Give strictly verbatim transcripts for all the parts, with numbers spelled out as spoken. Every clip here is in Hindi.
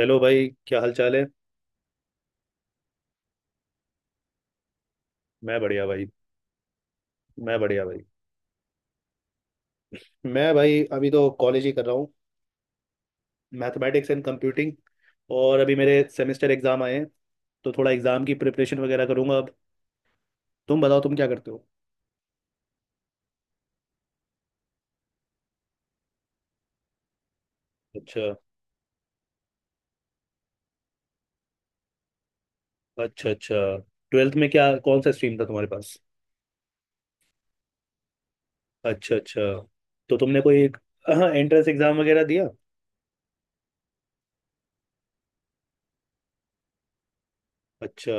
हेलो भाई, क्या हाल चाल है। मैं बढ़िया भाई। मैं बढ़िया भाई। मैं भाई, अभी तो कॉलेज ही कर रहा हूँ। Mathematics and computing. और अभी मेरे सेमेस्टर एग्जाम आए हैं। तो थोड़ा एग्जाम की प्रिपरेशन वगैरह करूंगा अब। तुम बताओ, तुम क्या करते हो? अच्छा, अच्छा, अच्छा। ट्वेल्थ में क्या, कौन सा स्ट्रीम था तुम्हारे पास? अच्छा, अच्छा। तो तुमने कोई एंट्रेंस एग्जाम वगैरह दिया? अच्छा,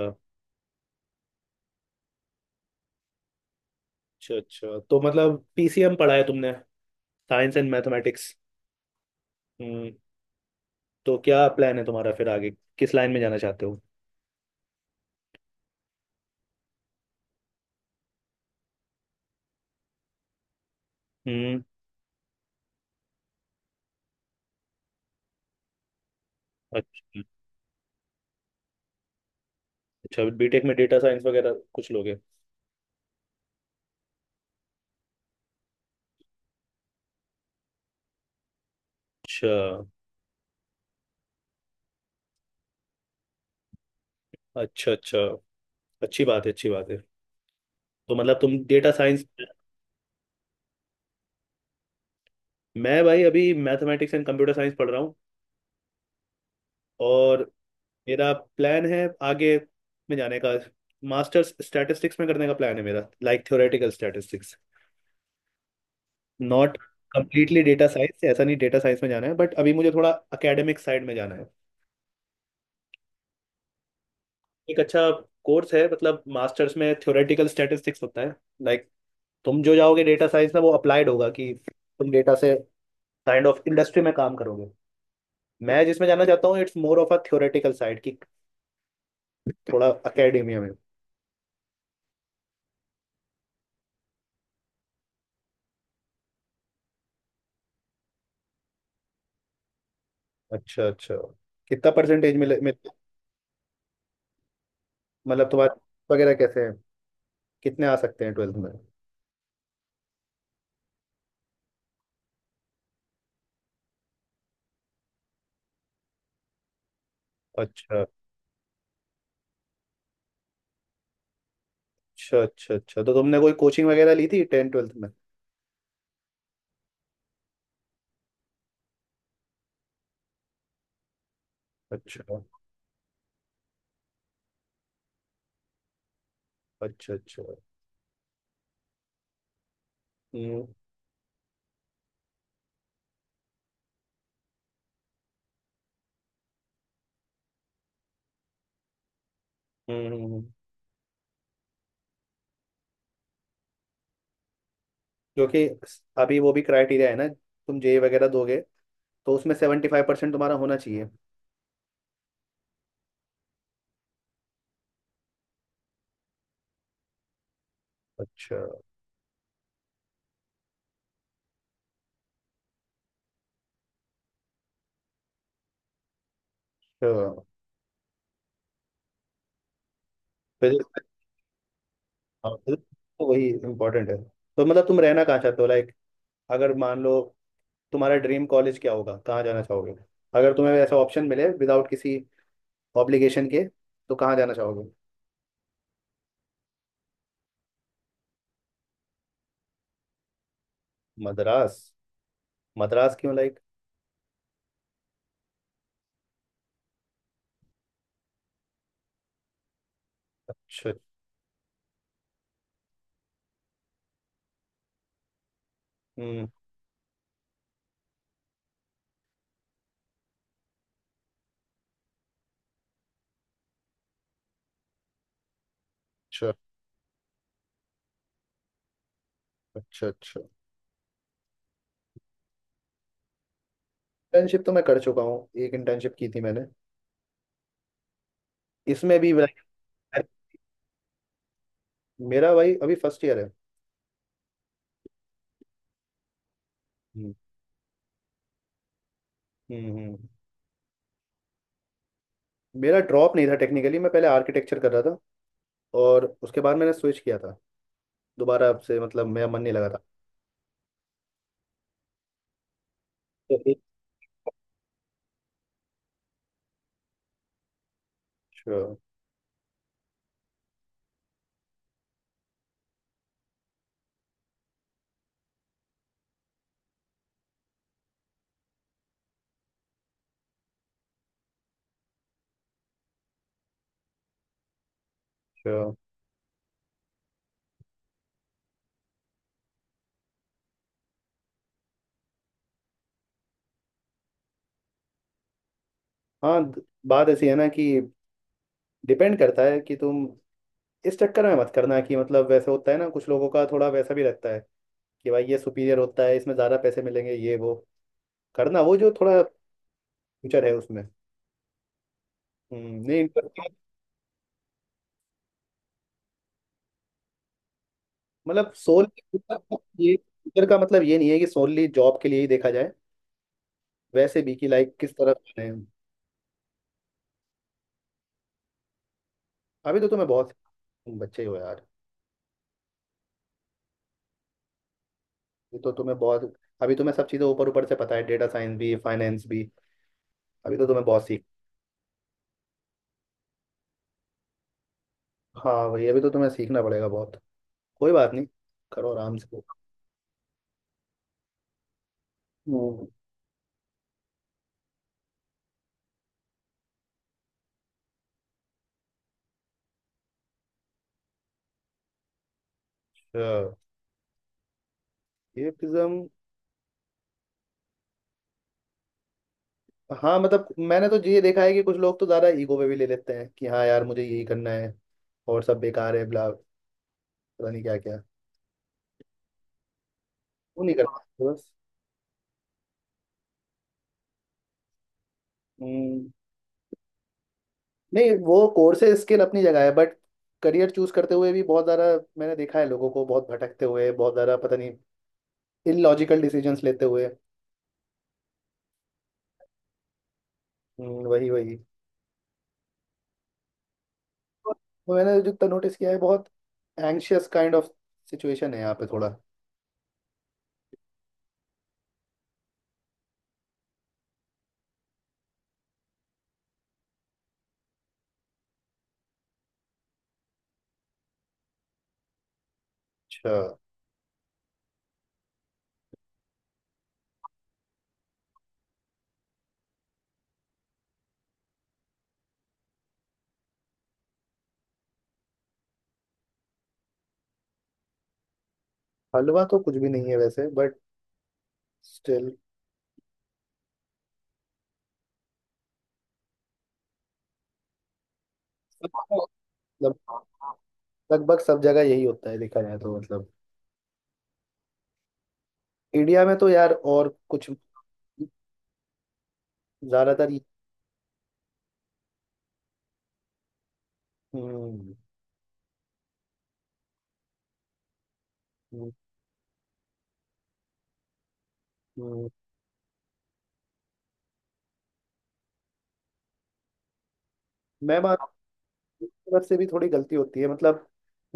अच्छा, अच्छा। तो मतलब पी सी एम पढ़ा है तुमने? Science and mathematics. हम्म। तो क्या प्लान है तुम्हारा फिर आगे? किस लाइन में जाना चाहते हो? हम्म। अच्छा, अच्छा। बीटेक में डेटा साइंस वगैरह कुछ लोगे? अच्छा, अच्छा, अच्छा। अच्छी बात है, अच्छी बात है। तो मतलब तुम डेटा साइंस। मैं भाई, अभी मैथमेटिक्स एंड कंप्यूटर साइंस पढ़ रहा हूँ। और मेरा प्लान है आगे, में जाने का। मास्टर्स स्टैटिस्टिक्स में करने का प्लान है मेरा, like theoretical statistics. Not completely data science, ऐसा नहीं डेटा साइंस में जाना है, बट अभी मुझे थोड़ा एकेडमिक साइड में जाना है। एक अच्छा कोर्स है, मतलब मास्टर्स में थ्योरेटिकल स्टैटिस्टिक्स होता है। लाइक तुम जो जाओगे डेटा साइंस में, वो अप्लाइड होगा कि तुम डेटा से काइंड ऑफ इंडस्ट्री में काम करोगे। मैं जिसमें जाना चाहता हूँ, it's more of a theoretical side की, थोड़ा अकेडेमिया में। अच्छा, अच्छा। कितना परसेंटेज मिले, मिल- मतलब तुम्हारे वगैरह कैसे हैं? कितने आ सकते हैं ट्वेल्थ में? अच्छा, अच्छा, अच्छा, अच्छा। तो तुमने कोई कोचिंग वगैरह ली थी टेन ट्वेल्थ में? अच्छा, अच्छा, अच्छा। हम्म, हम्म, हम्म, हम्म। जो कि अभी वो भी क्राइटेरिया है ना, तुम जे ई वगैरह दोगे, तो उसमें सेवेंटी फाइव परसेंट तुम्हारा होना चाहिए। अच्छा, अच्छा। फिजिक्स। हाँ, physics तो वही इम्पोर्टेंट है। तो मतलब तुम रहना कहाँ चाहते हो, लाइक, अगर मान लो, तुम्हारा ड्रीम कॉलेज क्या होगा, कहाँ जाना चाहोगे? अगर तुम्हें ऐसा ऑप्शन मिले विदाउट किसी ऑब्लिगेशन के, तो कहाँ जाना चाहोगे? मद्रास? मद्रास क्यों, लाइक? अच्छा। हम्म। अच्छा, अच्छा, अच्छा। इंटर्नशिप तो मैं कर चुका हूँ, एक इंटर्नशिप की थी मैंने। इसमें भी like। मेरा भाई अभी फर्स्ट ईयर है। हम्म, हम्म, हम्म। मेरा ड्रॉप नहीं था, टेक्निकली मैं पहले आर्किटेक्चर कर रहा था। और उसके बाद मैंने स्विच किया था दोबारा, अब से मतलब मेरा मन नहीं लगा था। तो एक। अच्छा, अच्छा। हाँ द- बात ऐसी है ना, कि डिपेंड करता है कि तुम। इस चक्कर में मत करना कि मतलब, वैसे होता है ना, कुछ लोगों का थोड़ा वैसा भी रहता है कि भाई, ये सुपीरियर होता है, इसमें ज़्यादा पैसे मिलेंगे ये वो। करना वो जो थोड़ा फ्यूचर है उसमें। हम्म। नहीं interest- मतलब सोल ये फ्यूचर का मतलब ये नहीं है कि सोनली जॉब के लिए ही देखा जाए। वैसे भी कि लाइक किस तरफ जाना है। अभी तो तुम्हें बहुत। तुम बच्चे हो यार। अभी तो तुम्हें बहुत। अभी तुम्हें सब चीज़ें ऊपर ऊपर से पता है, डेटा साइंस भी, फाइनेंस भी। अभी तो तुम्हें बहुत सीख। हाँ भाई, अभी तो तुम्हें सीखना पड़ेगा बहुत। कोई बात नहीं, करो आराम से। हम्म। अच्छा, ये फिज्म। हाँ मतलब, मैंने तो ये देखा है कि कुछ लोग तो ज़्यादा ईगो पे भी ले लेते हैं कि हाँ यार, मुझे यही करना है, और सब बेकार है, ब्ला, पता नहीं क्या क्या। वो नहीं करता बस। हम्म। नहीं, वो कोर्सेज स्किल अपनी जगह है, बट करियर चूज करते हुए भी बहुत ज़्यादा, मैंने देखा है लोगों को बहुत भटकते हुए, बहुत ज़्यादा, पता नहीं इलॉजिकल डिसीजंस लेते हुए। हम्म, वही वही। तो मैंने जितना नोटिस किया है, बहुत एंग्शियस काइंड ऑफ सिचुएशन है यहाँ पे थोड़ा। अच्छा। हलवा तो कुछ भी नहीं है वैसे, बट स्टिल। मतलब लगभग सब जगह यही होता है देखा जाए तो, मतलब इंडिया में तो यार, और कुछ ज़्यादातर। हम्म, हम्म, हम्म। मैं मान, तरफ से भी थोड़ी गलती होती है मतलब।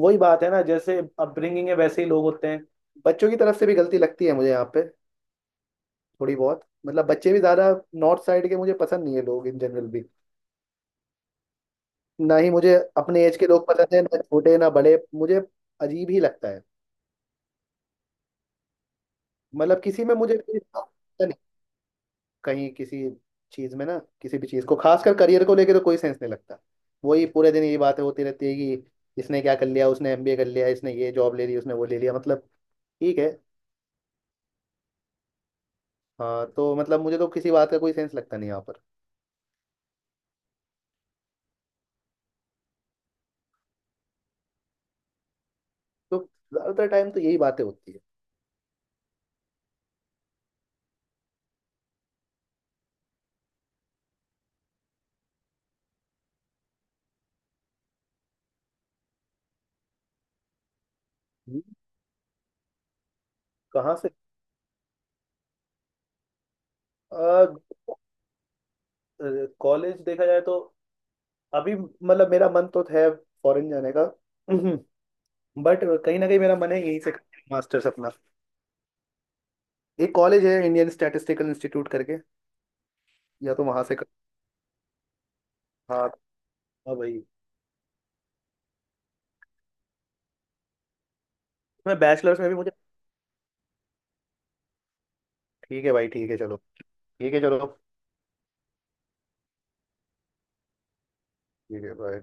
वही बात है ना, जैसे अपब्रिंगिंग है वैसे ही लोग होते हैं। बच्चों की तरफ से भी गलती लगती है मुझे यहाँ पे, थोड़ी बहुत। मतलब बच्चे भी ज्यादा। नॉर्थ साइड के मुझे पसंद नहीं है लोग इन जनरल भी। ना ही मुझे अपने एज के लोग पसंद है, ना छोटे, ना बड़े, मुझे अजीब ही लगता है। मतलब किसी में मुझे कोई इतना पसंद नहीं। कहीं किसी चीज में ना, किसी भी चीज को खासकर करियर को लेकर तो कोई सेंस नहीं लगता। वही पूरे दिन ये बातें होती रहती है कि इसने क्या कर लिया, उसने एम बी ए कर लिया, इसने ये जॉब ले ली, उसने वो ले लिया, मतलब, ठीक है। हाँ, तो मतलब मुझे तो किसी बात का कोई सेंस लगता नहीं यहाँ पर। तो ज्यादातर टाइम तो यही बातें होती है। हम्म, कहाँ से? कॉलेज देखा जाए तो, अभी मतलब मेरा मन तो है फॉरेन जाने का, बट कहीं ना कहीं मेरा मन है यहीं से मास्टर्स अपना। एक कॉलेज है इंडियन स्टैटिस्टिकल इंस्टीट्यूट करके, या तो वहां से कर। हाँ। हाँ भाई। मैं बैचलर्स में भी मुझे। ठीक है भाई, ठीक है, चलो। ठीक है, चलो। ठीक है भाई।